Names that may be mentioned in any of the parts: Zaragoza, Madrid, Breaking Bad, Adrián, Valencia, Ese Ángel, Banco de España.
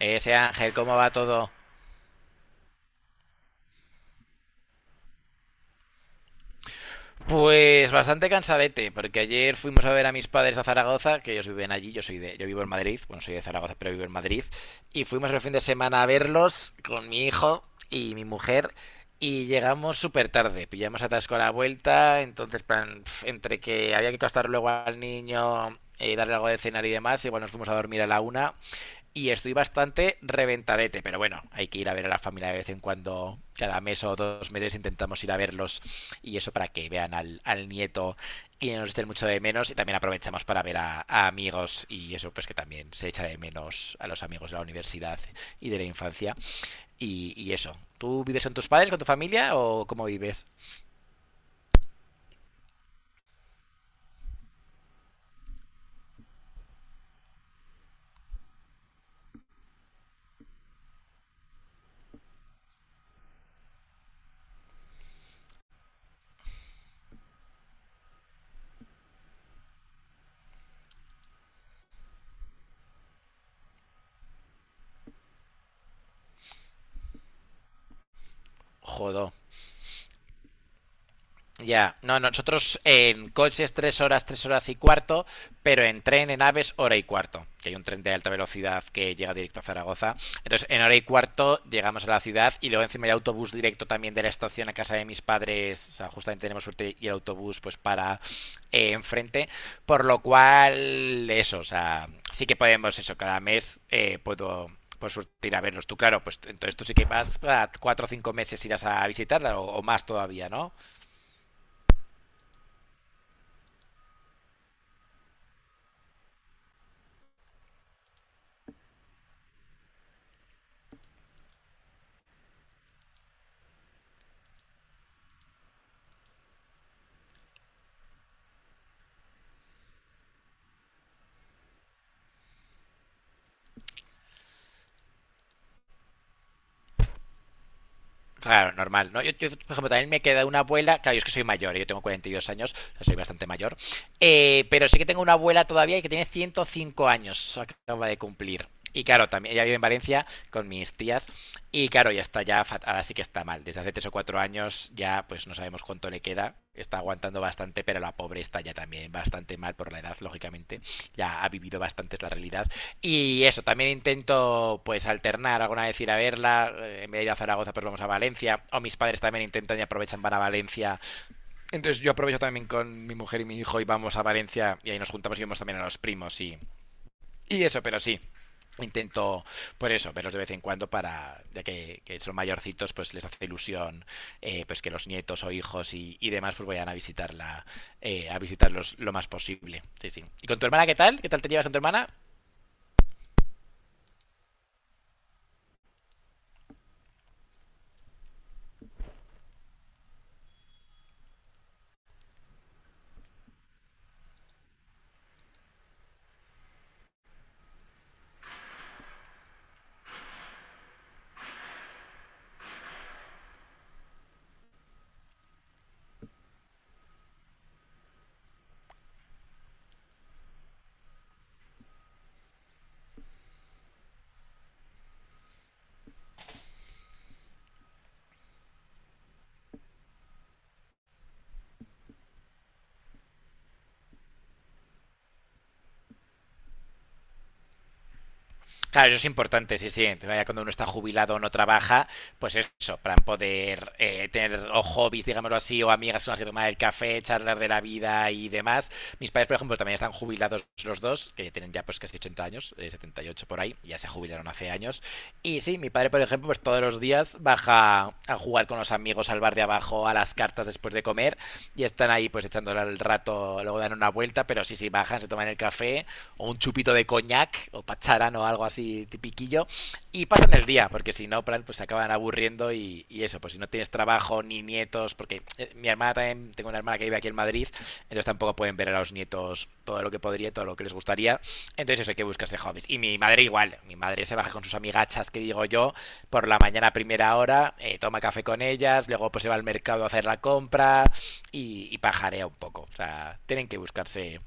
Ese Ángel, ¿cómo va todo? Pues bastante cansadete, porque ayer fuimos a ver a mis padres a Zaragoza, que ellos viven allí, yo vivo en Madrid, bueno, soy de Zaragoza, pero vivo en Madrid, y fuimos el fin de semana a verlos con mi hijo y mi mujer, y llegamos súper tarde, pillamos atasco a la vuelta, entonces plan, pf, entre que había que acostar luego al niño, darle algo de cenar y demás, igual nos fuimos a dormir a la una. Y estoy bastante reventadete, pero bueno, hay que ir a ver a la familia de vez en cuando, cada mes o dos meses intentamos ir a verlos y eso para que vean al nieto y nos echen mucho de menos y también aprovechamos para ver a amigos y eso pues que también se echa de menos a los amigos de la universidad y de la infancia y eso. ¿Tú vives con tus padres, con tu familia o cómo vives? Jodo. Ya, no, nosotros en coches tres horas y cuarto, pero en tren, en aves, hora y cuarto, que hay un tren de alta velocidad que llega directo a Zaragoza. Entonces, en hora y cuarto llegamos a la ciudad y luego encima hay autobús directo también de la estación a casa de mis padres, o sea, justamente tenemos suerte y el autobús pues para enfrente, por lo cual eso, o sea, sí que podemos eso, cada mes puedo por suerte ir a verlos. Tú, claro, pues entonces tú sí que vas para cuatro o cinco meses irás a visitarla o más todavía, ¿no? Claro, normal, ¿no? Yo, por ejemplo, también me queda una abuela, claro, yo es que soy mayor, yo tengo 42 años, o sea, soy bastante mayor, pero sí que tengo una abuela todavía que tiene 105 años, acaba de cumplir. Y claro, también ella vive en Valencia con mis tías y claro, ya está, ahora sí que está mal. Desde hace tres o cuatro años ya pues no sabemos cuánto le queda. Está aguantando bastante, pero la pobre está ya también bastante mal por la edad, lógicamente. Ya ha vivido bastante es la realidad y eso, también intento pues alternar, alguna vez ir a verla, en vez de ir a Zaragoza pues vamos a Valencia, o mis padres también intentan y aprovechan, van a Valencia. Entonces yo aprovecho también con mi mujer y mi hijo y vamos a Valencia y ahí nos juntamos y vemos también a los primos y eso, pero sí. Intento, por eso, verlos de vez en cuando para, ya que son mayorcitos, pues les hace ilusión pues que los nietos o hijos y demás pues vayan a visitarla, a visitarlos lo más posible. Sí, sí. ¿Y con tu hermana qué tal? ¿Qué tal te llevas con tu hermana? Claro, eso es importante, sí, sí. Vaya, cuando uno está jubilado o no trabaja, pues eso, para poder tener o hobbies, digámoslo así, o amigas con las que tomar el café, charlar de la vida y demás. Mis padres, por ejemplo, también están jubilados los dos, que tienen ya pues casi 80 años, 78 por ahí, ya se jubilaron hace años. Y sí, mi padre, por ejemplo, pues todos los días baja a jugar con los amigos al bar de abajo, a las cartas después de comer, y están ahí pues echándole el rato, luego dan una vuelta, pero sí, sí, bajan, se toman el café o un chupito de coñac o pacharán o algo así tipiquillo y pasan el día, porque si no, pues se acaban aburriendo y eso, pues si no tienes trabajo ni nietos, porque mi hermana también, tengo una hermana que vive aquí en Madrid, entonces tampoco pueden ver a los nietos todo lo que podría, todo lo que les gustaría, entonces eso hay que buscarse hobbies. Y mi madre igual, mi madre se baja con sus amigachas que digo yo, por la mañana a primera hora, toma café con ellas, luego pues se va al mercado a hacer la compra y pajarea un poco, o sea, tienen que buscarse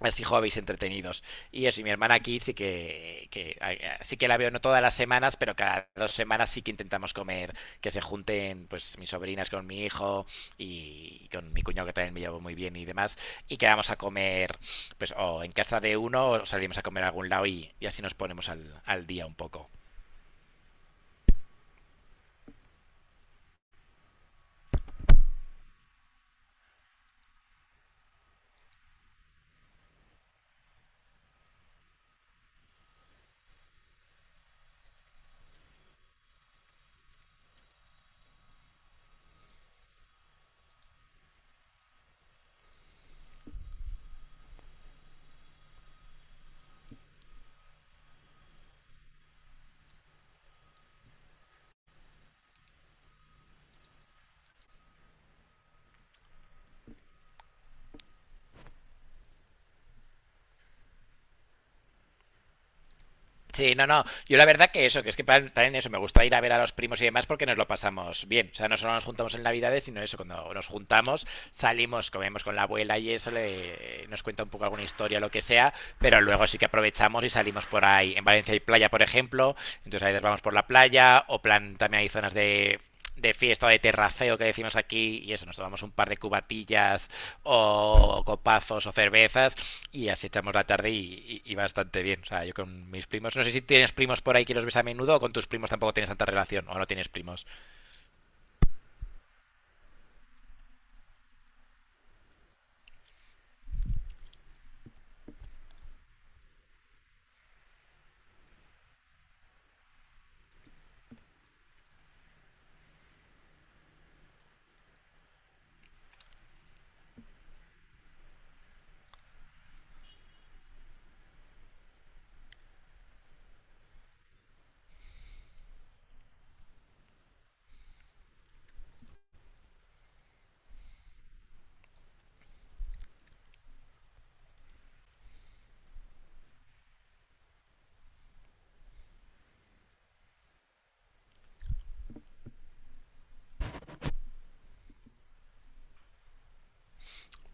así hobbies entretenidos. Y eso, y mi hermana aquí sí que sí que la veo no todas las semanas, pero cada dos semanas sí que intentamos comer, que se junten pues mis sobrinas con mi hijo y con mi cuñado que también me llevo muy bien y demás, y quedamos a comer pues o en casa de uno o salimos a comer a algún lado y así nos ponemos al día un poco. Sí, no, no. Yo la verdad que eso, que es que también eso, me gusta ir a ver a los primos y demás porque nos lo pasamos bien. O sea, no solo nos juntamos en Navidades, sino eso, cuando nos juntamos, salimos, comemos con la abuela y eso, le, nos cuenta un poco alguna historia, lo que sea, pero luego sí que aprovechamos y salimos por ahí. En Valencia hay playa, por ejemplo, entonces a veces vamos por la playa, o plan, también hay zonas de fiesta de terraceo que decimos aquí y eso, nos tomamos un par de cubatillas o copazos o cervezas y así echamos la tarde y bastante bien. O sea, yo con mis primos, no sé si tienes primos por ahí que los ves a menudo o con tus primos tampoco tienes tanta relación o no tienes primos.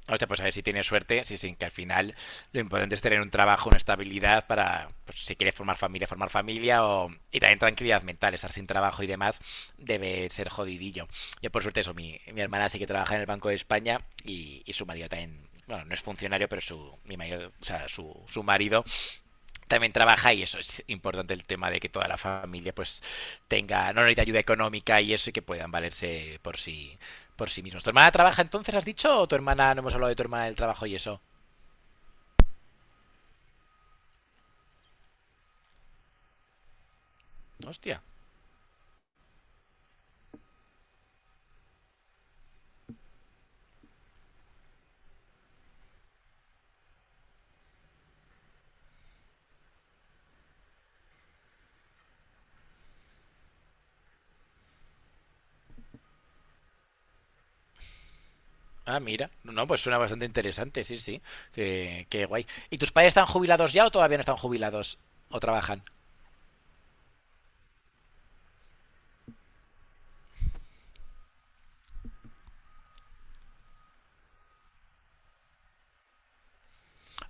O sea, pues a ver si tiene suerte, sí, sí, que al final lo importante es tener un trabajo, una estabilidad para, pues, si quieres formar familia y también tranquilidad mental, estar sin trabajo y demás debe ser jodidillo. Yo por suerte eso, mi hermana sí que trabaja en el Banco de España y su marido también, bueno, no es funcionario, pero su, mi marido, o sea, su marido también trabaja y eso es importante el tema de que toda la familia pues tenga, no necesita ayuda económica y eso y que puedan valerse por sí mismos. ¿Tu hermana trabaja entonces, has dicho? ¿O tu hermana, no hemos hablado de tu hermana del trabajo y eso? Hostia. Ah, mira. No, pues suena bastante interesante, sí, sí. Qué, qué guay. ¿Y tus padres están jubilados ya o todavía no están jubilados? ¿O trabajan?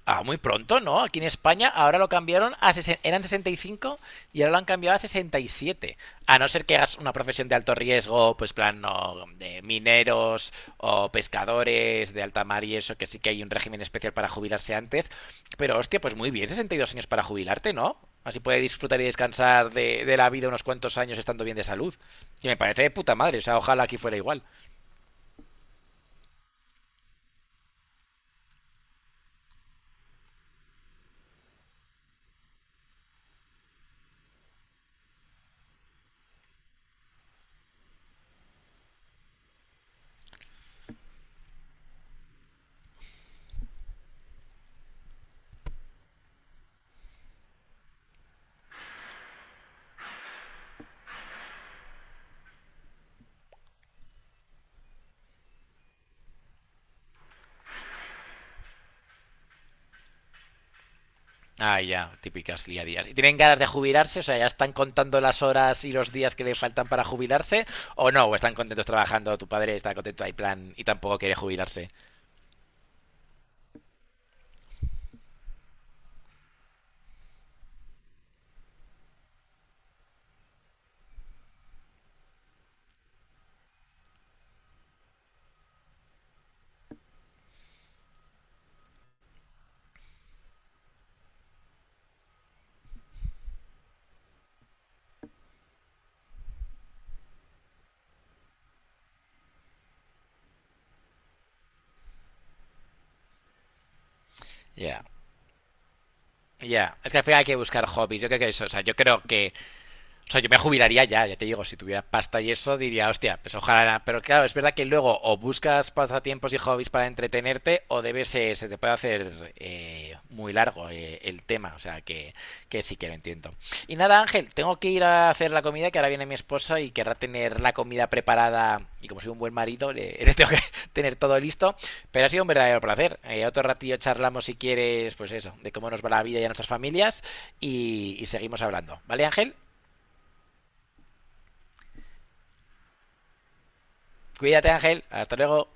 Ah, muy pronto, ¿no? Aquí en España ahora lo cambiaron a... Eran 65 y cinco y ahora lo han cambiado a 67. A no ser que hagas una profesión de alto riesgo, pues plan no, de mineros o pescadores de alta mar y eso, que sí que hay un régimen especial para jubilarse antes. Pero hostia, pues muy bien, 62 años para jubilarte, ¿no? Así puedes disfrutar y descansar de la vida unos cuantos años estando bien de salud. Y me parece de puta madre, o sea, ojalá aquí fuera igual. Ah, ya, típicas día a día. ¿Y tienen ganas de jubilarse? O sea, ¿ya están contando las horas y los días que le faltan para jubilarse? ¿O no? ¿O están contentos trabajando? ¿Tu padre está contento? Hay plan y tampoco quiere jubilarse. Ya. Ya, es que al final hay que buscar hobbies. Yo creo que eso, o sea, yo creo que O sea, yo me jubilaría ya, ya te digo, si tuviera pasta y eso, diría, hostia, pues ojalá. Pero claro, es verdad que luego o buscas pasatiempos y hobbies para entretenerte, o debes, se te puede hacer muy largo el tema. O sea, que sí que lo entiendo. Y nada, Ángel, tengo que ir a hacer la comida, que ahora viene mi esposa y querrá tener la comida preparada. Y como soy un buen marido, le, le tengo que tener todo listo. Pero ha sido un verdadero placer. Otro ratillo charlamos, si quieres, pues eso, de cómo nos va la vida y a nuestras familias. Y seguimos hablando. ¿Vale, Ángel? Cuídate, Ángel. Hasta luego.